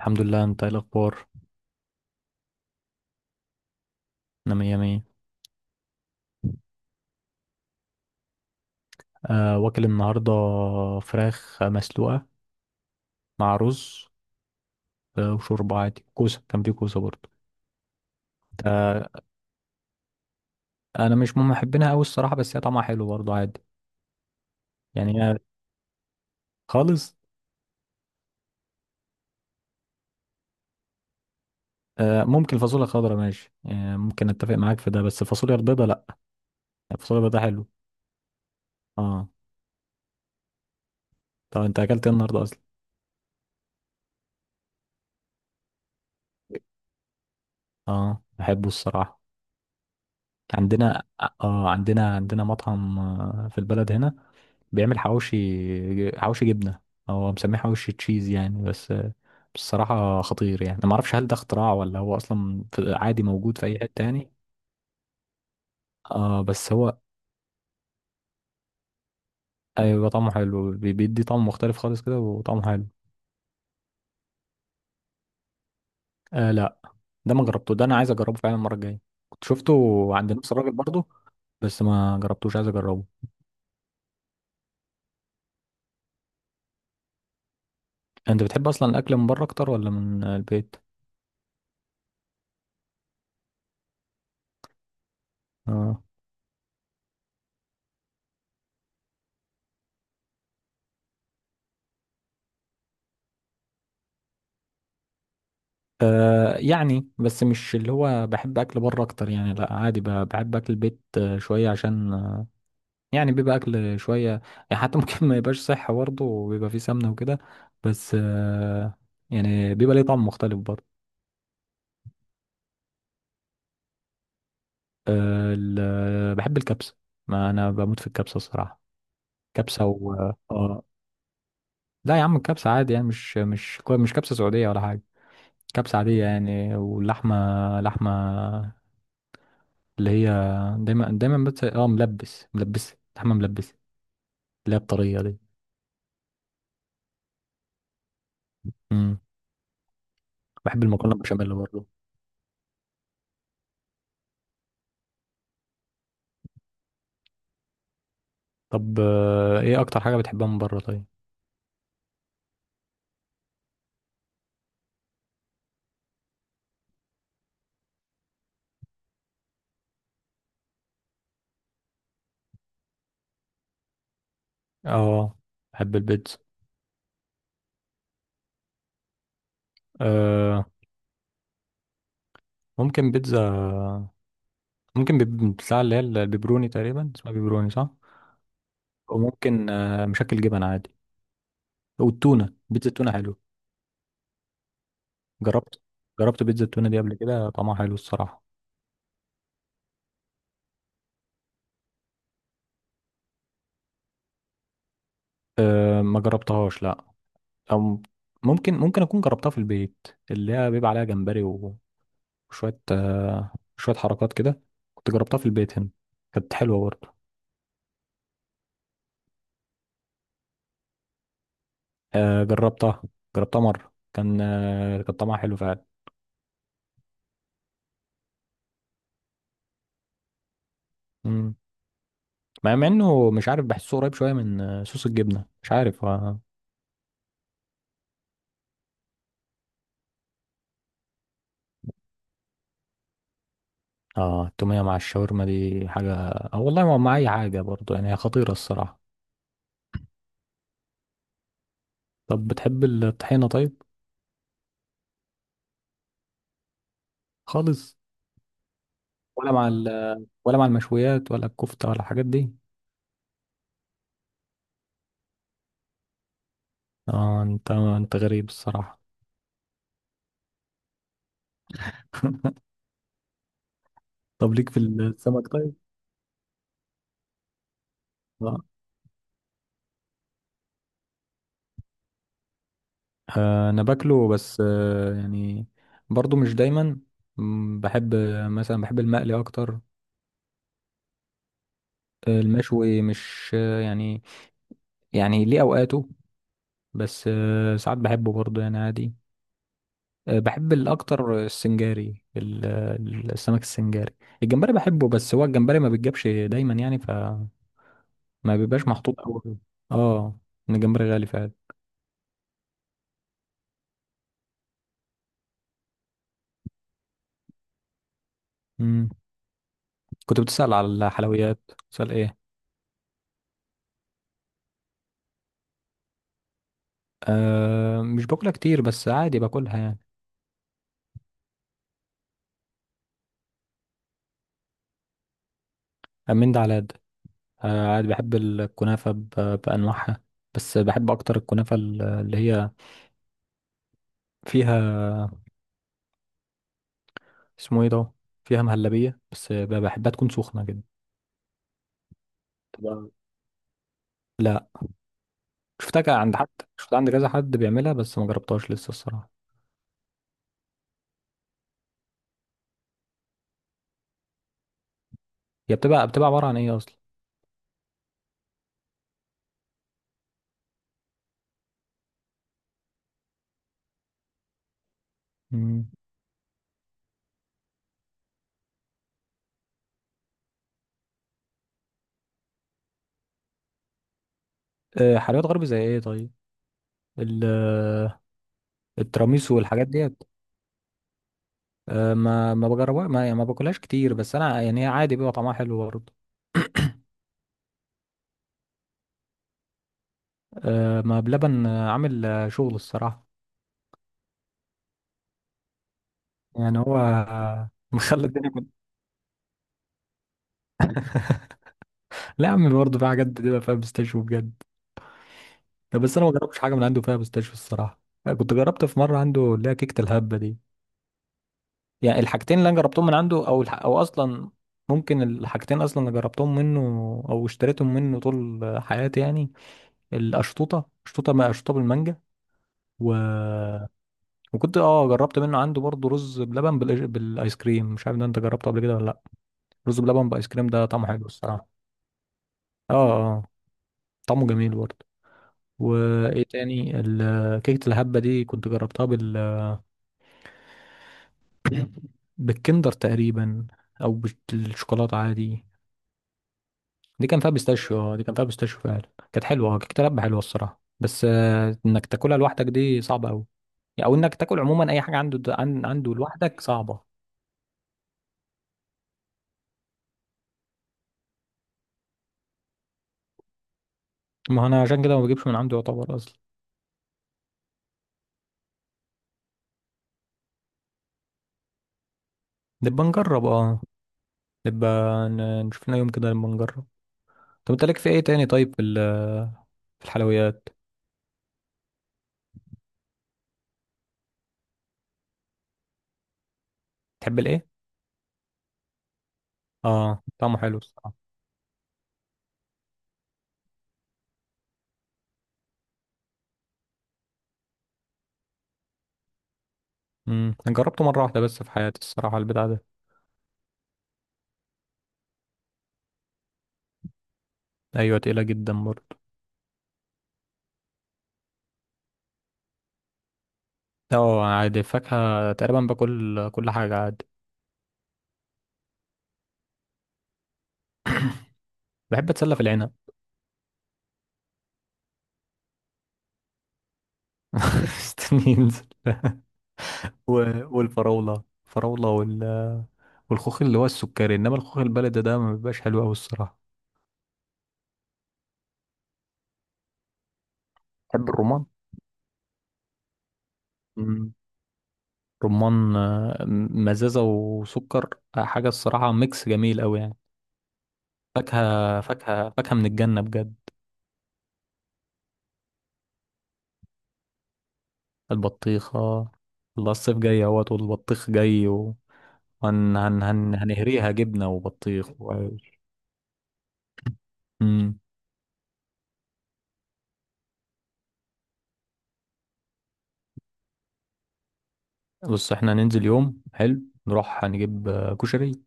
الحمد لله، انت ايه الاخبار؟ انا مية مية. أه، واكل النهارده فراخ مسلوقه مع رز، وشوربه عادي. كان في كوسه برضه. أه. انا مش من محبينها قوي الصراحه، بس هي طعمها حلو برضه عادي. يعني هي خالص. أه، ممكن فاصوليا خضراء ماشي، يعني ممكن اتفق معاك في ده، بس الفاصوليا البيضاء لا. الفاصوليا البيضاء حلو. اه، طب انت اكلت ايه النهارده اصلا؟ اه، بحبه الصراحه. عندنا. اه، عندنا مطعم في البلد هنا بيعمل حواوشي حواوشي جبنة. هو مسميه حواوشي تشيز يعني، بس بصراحة خطير. يعني ما اعرفش هل ده اختراع ولا هو اصلا عادي موجود في اي حتة تاني. اه بس هو ايوه، طعمه حلو. بيدي طعم مختلف خالص كده، وطعمه حلو. آه لا، ده ما جربته. ده انا عايز اجربه فعلا المرة الجاية. كنت شفته عند نفس الراجل برضه، بس ما جربتوش، عايز اجربه. انت بتحب اصلا الاكل من بره اكتر ولا من البيت؟ آه. آه، يعني بس مش اللي هو بحب اكل بره اكتر. يعني لا، عادي، بحب اكل البيت شويه، عشان يعني بيبقى اكل شويه. يعني حتى ممكن ما يبقاش صحي برضه وبيبقى فيه سمنه وكده. بس يعني بيبقى ليه طعم مختلف برضه. آه، بحب الكبسه. ما انا بموت في الكبسه الصراحه. كبسه و، آه، لا يا عم، الكبسه عادي يعني، مش كبسه سعوديه ولا حاجه. كبسه عاديه يعني، واللحمه، لحمه اللي هي دايما دايما، بس اه، ملبس لحمة ملبس، اللي هي الطرية دي. امم بحب المكرونة بشاميل برضه. طب، ايه اكتر حاجة بتحبها من بره طيب؟ اه، بحب البيتزا. آه، ممكن بيتزا، ممكن بتاع اللي هي البيبروني تقريبا، اسمها بيبروني صح؟ وممكن مشكل جبن عادي. والتونة، بيتزا التونة حلو. جربت جربت بيتزا التونة دي قبل كده، طعمها حلو الصراحة. آه، ما جربتهاش لا. او ممكن اكون جربتها في البيت، اللي هي بيبقى عليها جمبري وشوية شوية حركات كده. كنت جربتها في البيت هنا، كانت حلوة برضه. آه، جربتها. جربتها مرة، كان طعمها حلو فعلا. مم. مع انه مش عارف، بحسه قريب شوية من صوص الجبنة، مش عارف. اه. آه، التومية مع الشاورما دي حاجة، والله ما مع أي حاجة برضه، يعني هي خطيرة الصراحة. طب بتحب الطحينة طيب؟ خالص. ولا مع ال... ولا مع المشويات ولا الكفتة ولا الحاجات دي. اه، انت غريب الصراحة. طب ليك في السمك طيب؟ آه. آه، انا باكله، بس يعني برضو مش دايما. بحب مثلا، بحب المقلي اكتر. المشوي مش يعني، يعني ليه اوقاته، بس ساعات بحبه برضو يعني عادي. بحب الاكتر السنجاري، السمك السنجاري. الجمبري بحبه، بس هو الجمبري ما بيتجابش دايما يعني، فما بيبقاش محطوط قوي. اه، إن الجمبري غالي فعلا. مم. كنت بتسأل على الحلويات، بتسأل ايه؟ أه، مش باكلها كتير، بس عادي باكلها يعني. من ده على ده. آه، عادي بحب الكنافة بأنواعها، بس بحب أكتر الكنافة اللي هي فيها، اسمه ايه ده، فيها مهلبية، بس بحبها تكون سخنة كده. تبقى، لا. شفتها عند حد، شفتها عند كذا حد بيعملها، بس ما جربتهاش لسه الصراحة. هي بتبقى عبارة عن ايه أصلا؟ مم. آه، حلويات غرب زي ايه طيب؟ ال- آه، التراميسو والحاجات ديت. آه، ما بجربها، ما يعني ما باكلهاش كتير، بس انا يعني هي عادي بيبقى طعمها حلو برضه. آه، ما بلبن عامل شغل الصراحة. يعني هو مخلي الدنيا كل. لا يا عم، برضه في حاجات بتبقى فيها بيستاشيو بجد. لا، بس انا ما جربتش حاجه من عنده فيها بيستاشيو الصراحه. أنا كنت جربت في مره عنده اللي هي كيكه الهبه دي. يعني الحاجتين اللي انا جربتهم من عنده، او الح، او اصلا ممكن الحاجتين اصلا اللي جربتهم منه او اشتريتهم منه طول حياتي يعني، القشطوطه ما قشطوطه بالمانجا، و... وكنت اه، جربت منه عنده برضه رز بلبن بالايس كريم، مش عارف ده انت جربته قبل كده ولا لا. رز بلبن بايس كريم ده طعمه حلو الصراحه. اه. اه، طعمه جميل برضه. وايه تاني؟ كيكة الهبة دي كنت جربتها بالكندر تقريبا، او بالشوكولاتة عادي. دي كان فيها بيستاشيو، اه، دي كان فيها بيستاشيو فعلا، كانت حلوة. اه، كيكة الهبة حلوة الصراحة، بس انك تاكلها لوحدك دي صعبة قوي، او انك تاكل عموما اي حاجة عنده عنده لوحدك صعبة. ما انا عشان كده ما بجيبش من عنده يعتبر اصلا. نبقى نجرب، اه، نبقى، نشوف لنا يوم كده نبقى نجرب. طب انت ليك في ايه تاني طيب؟ في الحلويات. تحب الايه؟ اه، طعمه حلو الصراحة. أنا جربته مرة واحدة بس في حياتي الصراحة البتاع ده. أيوة، تقيلة جدا برضه. اه، عادي، فاكهة تقريبا باكل كل حاجة عادي. بحب أتسلى في العنب. استني ينزل. والفراولة والخوخ اللي هو السكري، إنما الخوخ البلدي ده ما بيبقاش حلو أوي الصراحة. بحب الرمان. امم رمان، مزازة وسكر، حاجة الصراحة، ميكس جميل أوي يعني. فاكهة فاكهة فاكهة من الجنة بجد. البطيخة. الله، الصيف جاي اهوت، والبطيخ جاي. هن هن هن هنهريها جبنة وبطيخ وعيش. امم. بص، احنا هننزل يوم حلو، نروح هنجيب كشري،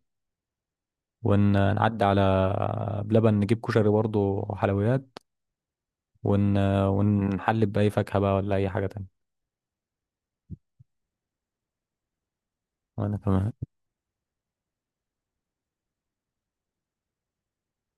ونعدي على بلبن نجيب كشري برضه وحلويات، ون... ونحلب بأي فاكهة بقى ولا أي حاجة تانية. وأنا تمام.